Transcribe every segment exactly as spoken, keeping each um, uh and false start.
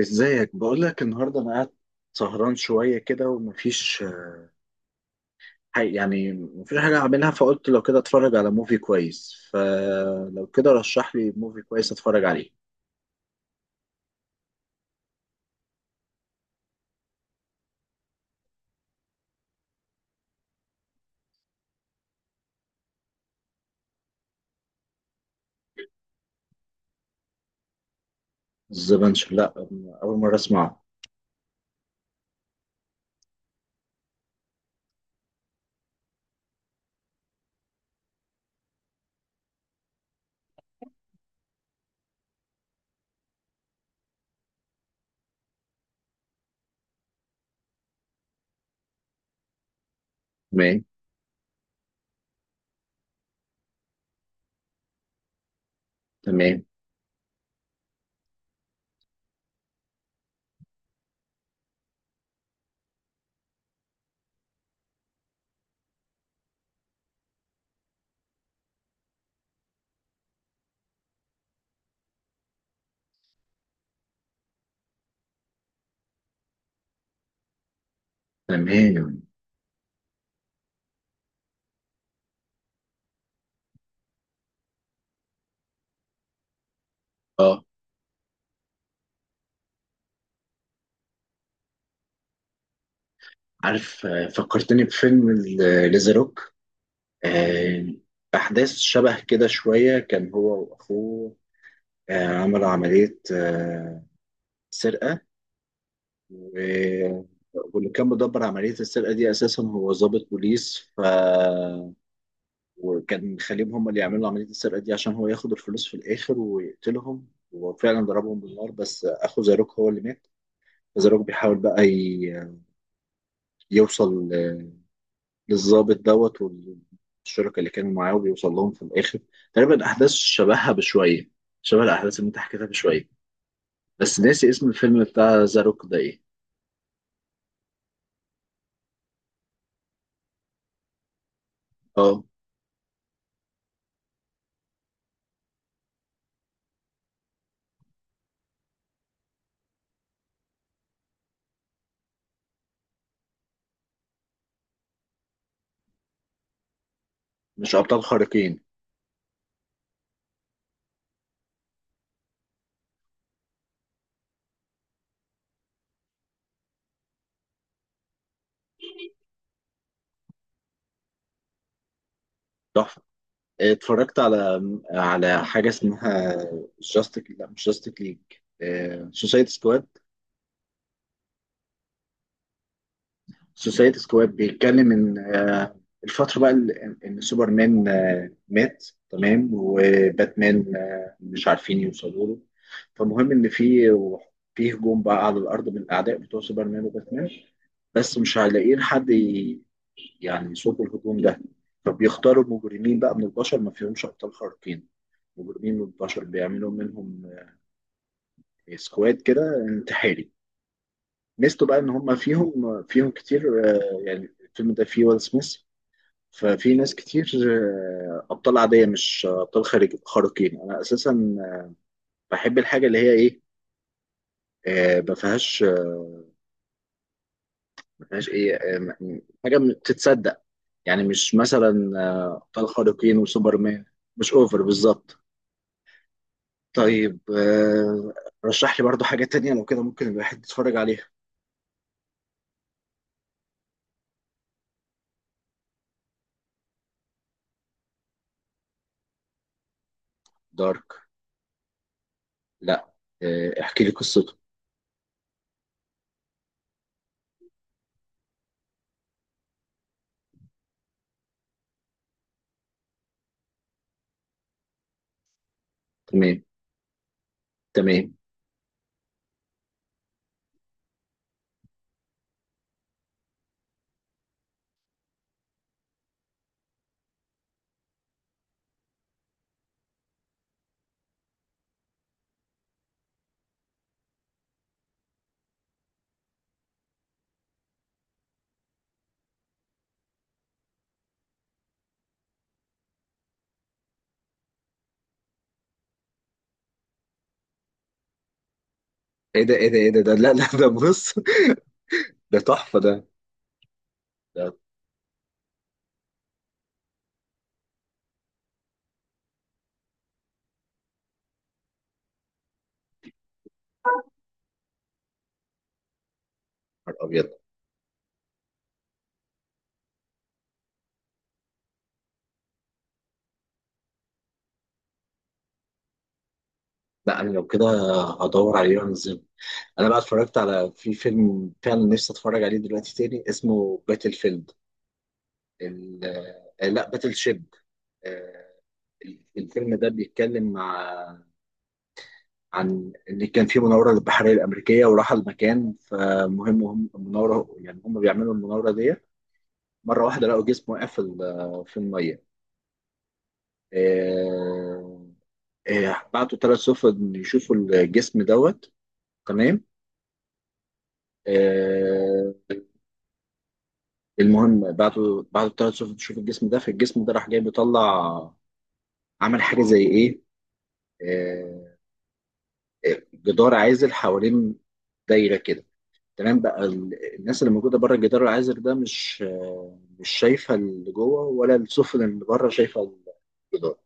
ازيك؟ بقول لك النهارده انا قاعد سهران شويه كده ومفيش حاجة، يعني مفيش حاجه اعملها، فقلت لو كده اتفرج على موفي كويس، فلو كده رشح لي موفي كويس اتفرج عليه. الزبنش، لا، اول مره اسمعه. تمام. تمام. تمام. اه، عارف، آه، فكرتني بفيلم ال- ليزاروك. آه، احداث شبه كده شويه، كان هو واخوه آه، عملوا عمليه آه، سرقه، و- واللي كان مدبر عملية السرقة دي أساسا هو ضابط بوليس، ف وكان خليهم هم اللي يعملوا عملية السرقة دي عشان هو ياخد الفلوس في الآخر ويقتلهم، وفعلا ضربهم بالنار بس أخو زاروك هو اللي مات. زاروك بيحاول بقى ي- يوصل ل- للضابط دوت والشركة اللي كانوا معاه، وبيوصل لهم في الآخر. تقريبا أحداث شبهها بشوية، شبه الأحداث اللي أنت حكيتها بشوية، بس ناسي اسم الفيلم بتاع زاروك ده إيه؟ أه. مش أبطال خارقين. تحفة. اتفرجت على على حاجة اسمها جاستيك، لا مش جاستيك ليج، سوسايتي سكواد. سوسايتي سكواد بيتكلم ان آه، الفترة بقى ال- ان سوبرمان آه، مات تمام، وباتمان آه، مش عارفين يوصلوا له، فمهم ان في في هجوم بقى على الارض من الاعداء بتوع سوبرمان وباتمان، بس مش هيلاقيين حد ي- يعني يصد الهجوم ده، فبيختاروا مجرمين بقى من البشر ما فيهمش ابطال خارقين، مجرمين من اتناشر بيعملوا منهم سكواد كده انتحاري. ميزته بقى ان هم فيهم فيهم كتير، آه، يعني الفيلم ده فيه ويل سميث، ففي ناس كتير، آه، ابطال عاديه مش ابطال خارج خارقين. انا اساسا بحب الحاجه اللي هي ايه، آه، ما فيهاش، آه، ما فيهاش ايه آه، م- حاجه بتتصدق، يعني مش مثلا آه، ابطال خارقين وسوبرمان. مش اوفر بالظبط. طيب، آه، رشح لي برضو حاجه تانية لو كده ممكن الواحد يتفرج عليها. دارك؟ لا. آه، احكي لي قصته. تمام. تمام. ايه ده، ايه ده، ايه ده ده لا لا، ده بص. ده تحفه ده ده. نهار ابيض. لا انا لو كده هدور عليه وانزله. انا بقى اتفرجت على، في فيلم فعلا نفسي اتفرج عليه دلوقتي تاني، اسمه باتل فيلد، ال... آه، لا، باتل شيب. آه، الفيلم ده بيتكلم ع- عن ان كان في مناوره للبحريه الامريكيه وراح المكان، فمهم هم المناوره، يعني هم بيعملوا المناوره دي. مره واحده لقوا جسم واقع في ال- آه، في الميه. آه، آه، بعتوا ثلاث سفن يشوفوا الجسم دوت. تمام. آه، المهم بعتوا بعتوا ثلاث سفن يشوفوا الجسم ده، فالجسم ده راح جاي بيطلع، عمل حاجه زي ايه، آه، آه، جدار عازل حوالين، دايره كده. تمام. بقى ال- الناس اللي موجوده بره الجدار العازل ده مش، آه، مش شايفه اللي جوه، ولا السفن اللي بره شايفه الجدار.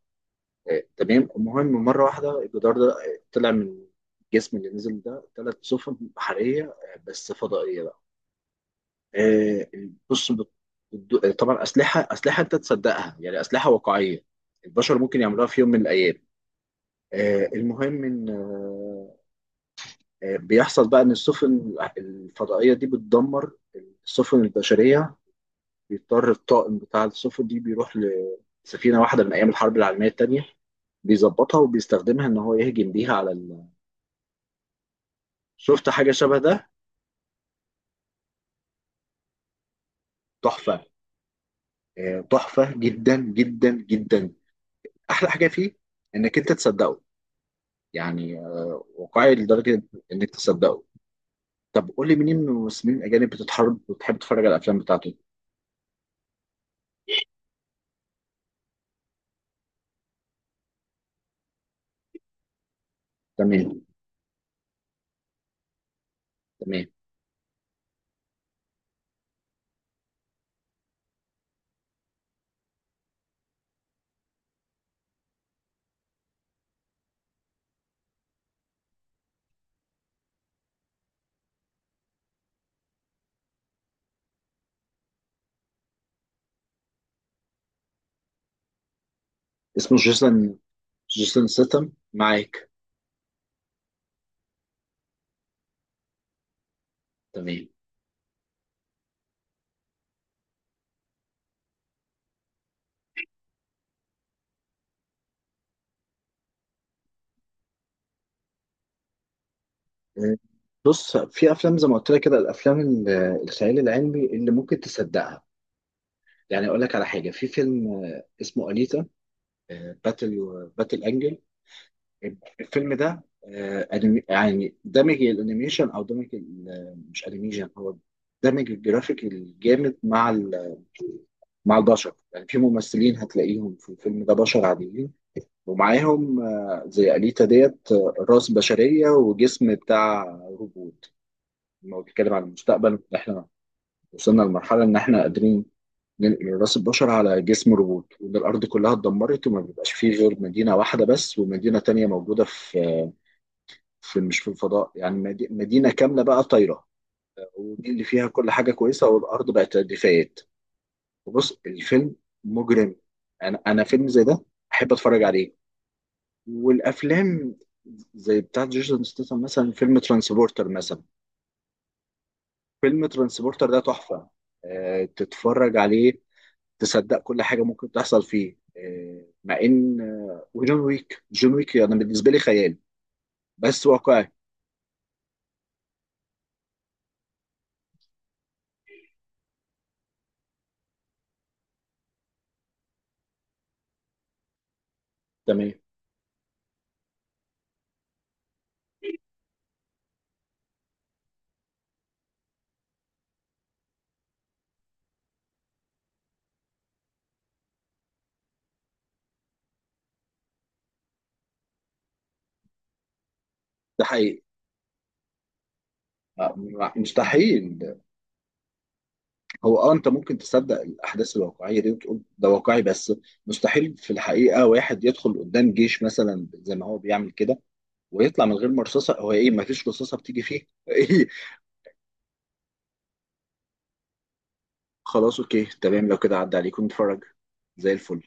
آه، تمام. المهم مرة واحدة الجدار ده آه، طلع من الجسم اللي نزل ده ثلاث سفن بحرية، آه، بس فضائية بقى. آه، بص، بت- بتدو- آه، طبعا أسلحة أسلحة أنت تصدقها، يعني أسلحة واقعية البشر ممكن يعملوها في يوم من الأيام. آه، المهم إن، آه، آه، بيحصل بقى إن السفن الفضائية دي بتدمر السفن البشرية، بيضطر الطاقم بتاع السفن دي بيروح لسفينة واحدة من أيام الحرب العالمية التانية، بيظبطها وبيستخدمها ان هو يهجم بيها على. شفت حاجة شبه ده؟ تحفة. آه، تحفة جدا جدا جدا. أحلى حاجة فيه إنك أنت تصدقه، يعني آه، واقعي لدرجة إنك تصدقه. طب قول لي مين من الممثلين الأجانب بتتحرك وتحب تتفرج على الأفلام بتاعته. تمام. تمام. اسمه جيسون، جيسون ستم، معاك. تمام. آه، بص، في أفلام زي ما قلت لك كده، الأفلام ال- الخيال العلمي اللي ممكن تصدقها. يعني أقول لك على حاجة، في فيلم آه، اسمه أنيتا باتل، باتل أنجل. الفيلم ده آه، أنمي- يعني دمج الانيميشن، او دمج ال- مش انيميشن هو، دمج الجرافيك الجامد مع ال- مع البشر. يعني في ممثلين هتلاقيهم في الفيلم ده بشر عاديين، ومعاهم آه، زي أليتا ديت، آه، راس بشرية وجسم بتاع روبوت. لما هو بيتكلم عن المستقبل، احنا وصلنا لمرحلة ان احنا قادرين ننقل راس البشر على جسم روبوت، وان الارض كلها اتدمرت وما بيبقاش فيه غير مدينة واحدة بس، ومدينة تانية موجودة في آه، في، مش في الفضاء، يعني مدي- مدينة كاملة بقى طايرة، ودي اللي فيها كل حاجة كويسة، والأرض بقت رغيفات. وبص الفيلم مجرم. أنا أنا فيلم زي ده أحب أتفرج عليه. والأفلام زي بتاعت جيسون ستاثام، مثلا فيلم ترانسبورتر. مثلا فيلم ترانسبورتر ده تحفة، آه، تتفرج عليه تصدق كل حاجة ممكن تحصل فيه. آه، مع إن، آه، وجون ويك، جون ويك أنا يعني بالنسبة لي خيال بس واقعي. تمام. ده حقيقي. آه، مستحيل. هو اه، انت ممكن تصدق الاحداث الواقعيه دي وتقول ده واقعي، بس مستحيل في الحقيقه واحد يدخل قدام جيش مثلا زي ما هو بيعمل كده ويطلع من غير مرصصه، هو ايه ما فيش رصاصه بتيجي فيه؟ ايه. خلاص، اوكي، تمام، لو كده عدى عليكم نتفرج زي الفل.